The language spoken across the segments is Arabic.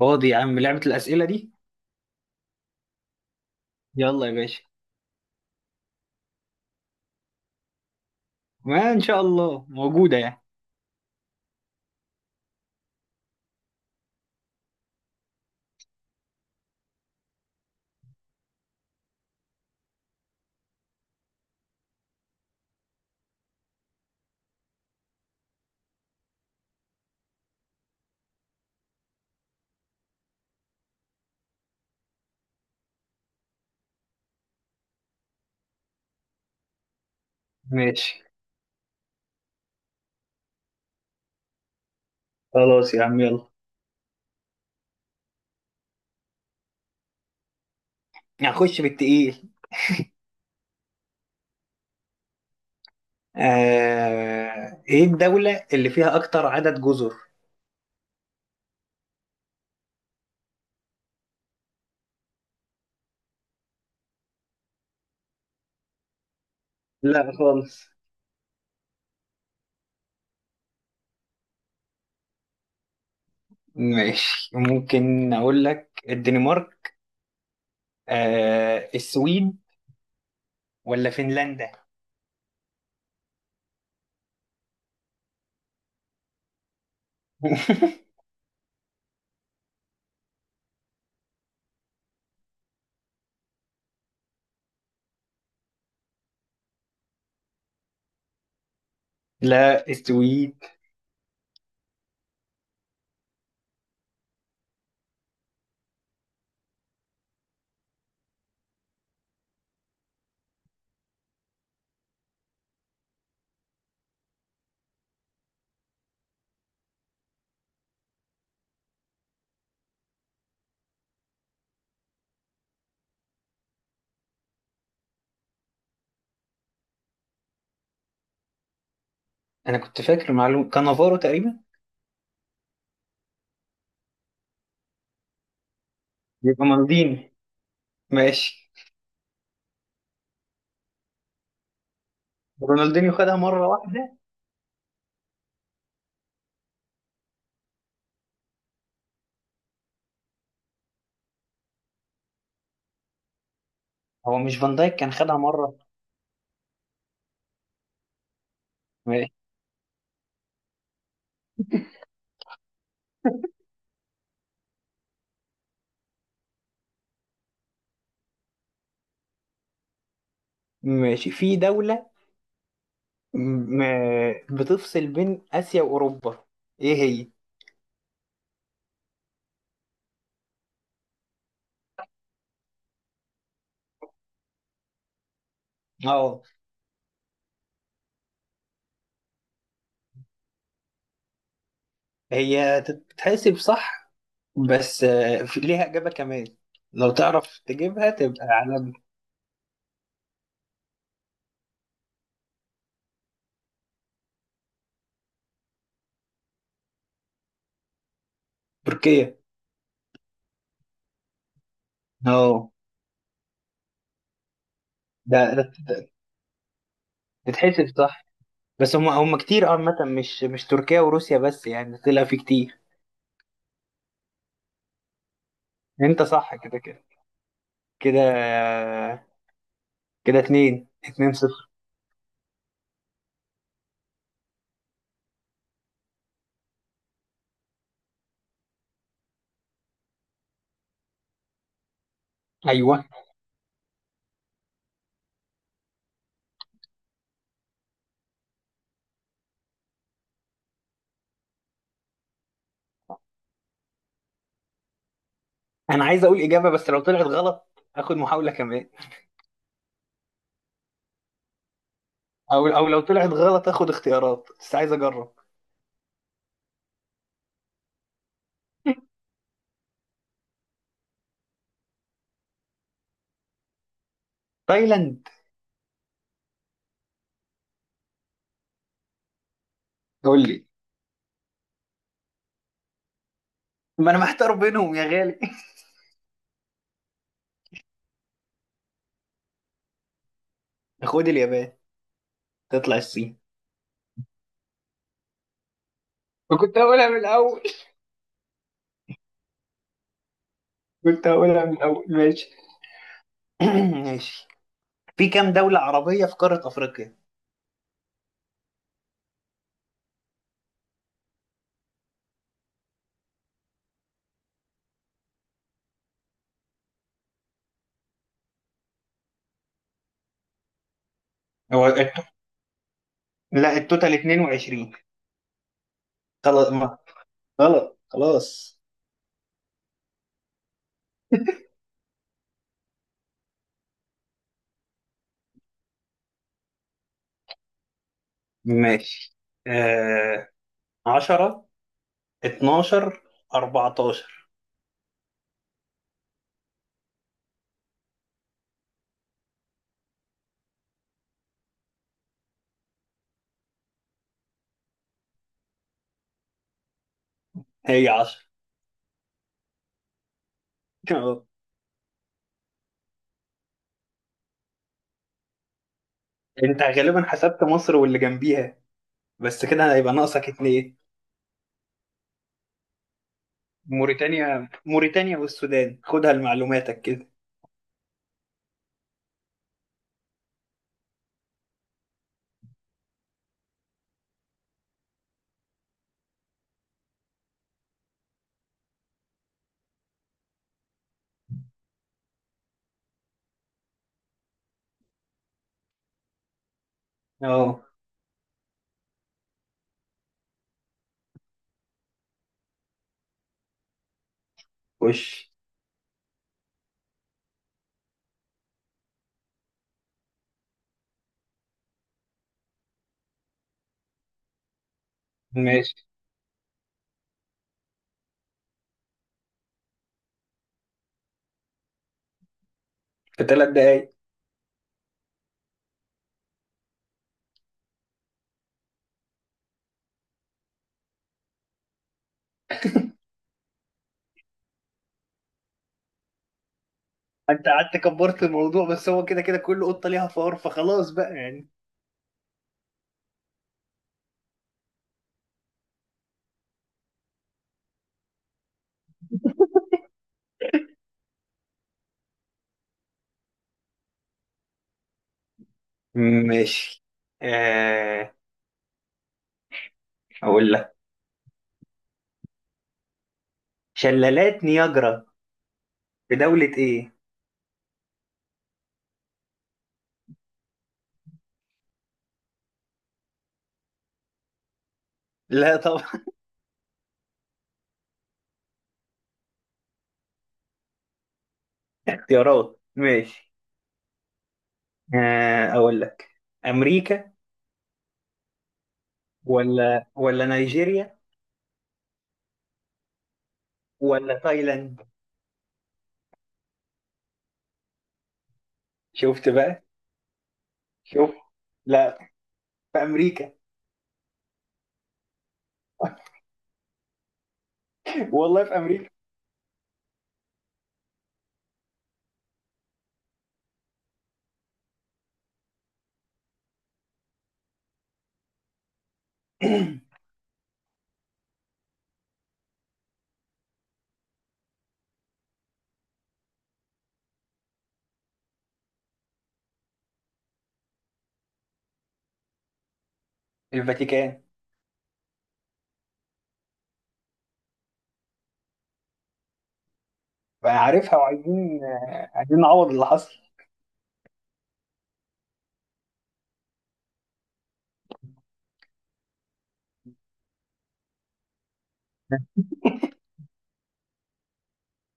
فاضي يا عم، لعبة الأسئلة دي. يلا يا باشا. ما إن شاء الله موجودة يعني. ماشي، خلاص يا عم، يلا. هخش بالتقيل. إيه الدولة اللي فيها أكتر عدد جزر؟ لا خالص. ماشي، ممكن أقول لك الدنمارك. السويد ولا فنلندا؟ لا، السويد. أنا كنت فاكر معلومة كانافارو تقريبا. يبقى مالديني. ماشي. رونالدينيو خدها مرة واحدة. هو مش فان دايك كان خدها مرة؟ ماشي، في دولة م- بتفصل بين آسيا وأوروبا، إيه هي؟ اه. هي تتحسب صح، بس في ليها إجابة كمان، لو تعرف تجيبها تبقى على. تركيا. اه. ده تتحسب صح. بس هم كتير، عامة مش تركيا وروسيا بس يعني، طلع في كتير. أنت صح كده كده. كده كده اتنين صفر. أيوه. أنا عايز أقول إجابة، بس لو طلعت غلط آخد محاولة كمان. او لو طلعت غلط اخد اختيارات، بس عايز اجرب. تايلاند. قول لي. ما انا محتار بينهم يا غالي. خد اليابان، تطلع الصين. وكنت هقولها من الاول. كنت هقولها من الاول. ماشي. ماشي. في كام دولة عربية في قارة افريقيا؟ هو الت- لا، التوتال 22. خلاص، ما غلط خلاص. ماشي، آه... 10، 12، 14. هي 10. أهو. انت غالبا حسبت مصر واللي جنبيها، بس كده هيبقى ناقصك اتنين. موريتانيا، موريتانيا والسودان خدها لمعلوماتك كده. اه. وش. ماشي. في 3 دقايق. انت قعدت كبرت الموضوع، بس هو كده كده كل قطة ليها فار، فخلاص بقى يعني. ماشي. آه اقول لك شلالات نياجرا في دولة ايه؟ لا طبعا. اختيارات. ماشي، اقول لك امريكا. ولا نيجيريا، ولا تايلاند. شفت بقى. شوف. لا. في امريكا. والله في امريكا. الفاتيكان. بقى عارفها، وعايزين، عايزين نعوض اللي حصل.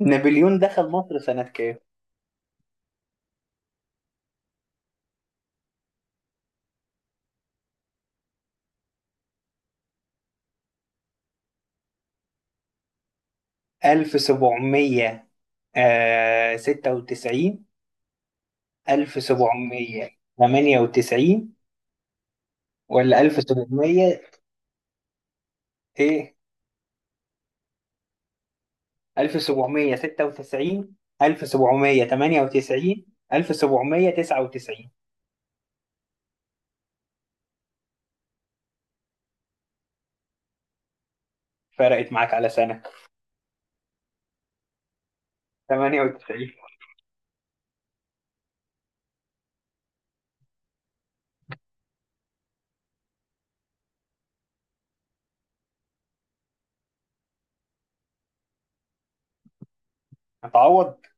نابليون دخل مصر سنة كام؟ 1796؟ 1798؟ ولا 1700؟ ايه، 1796، 1798، 1799؟ فرقت معاك على سنة. 98. هتعوض.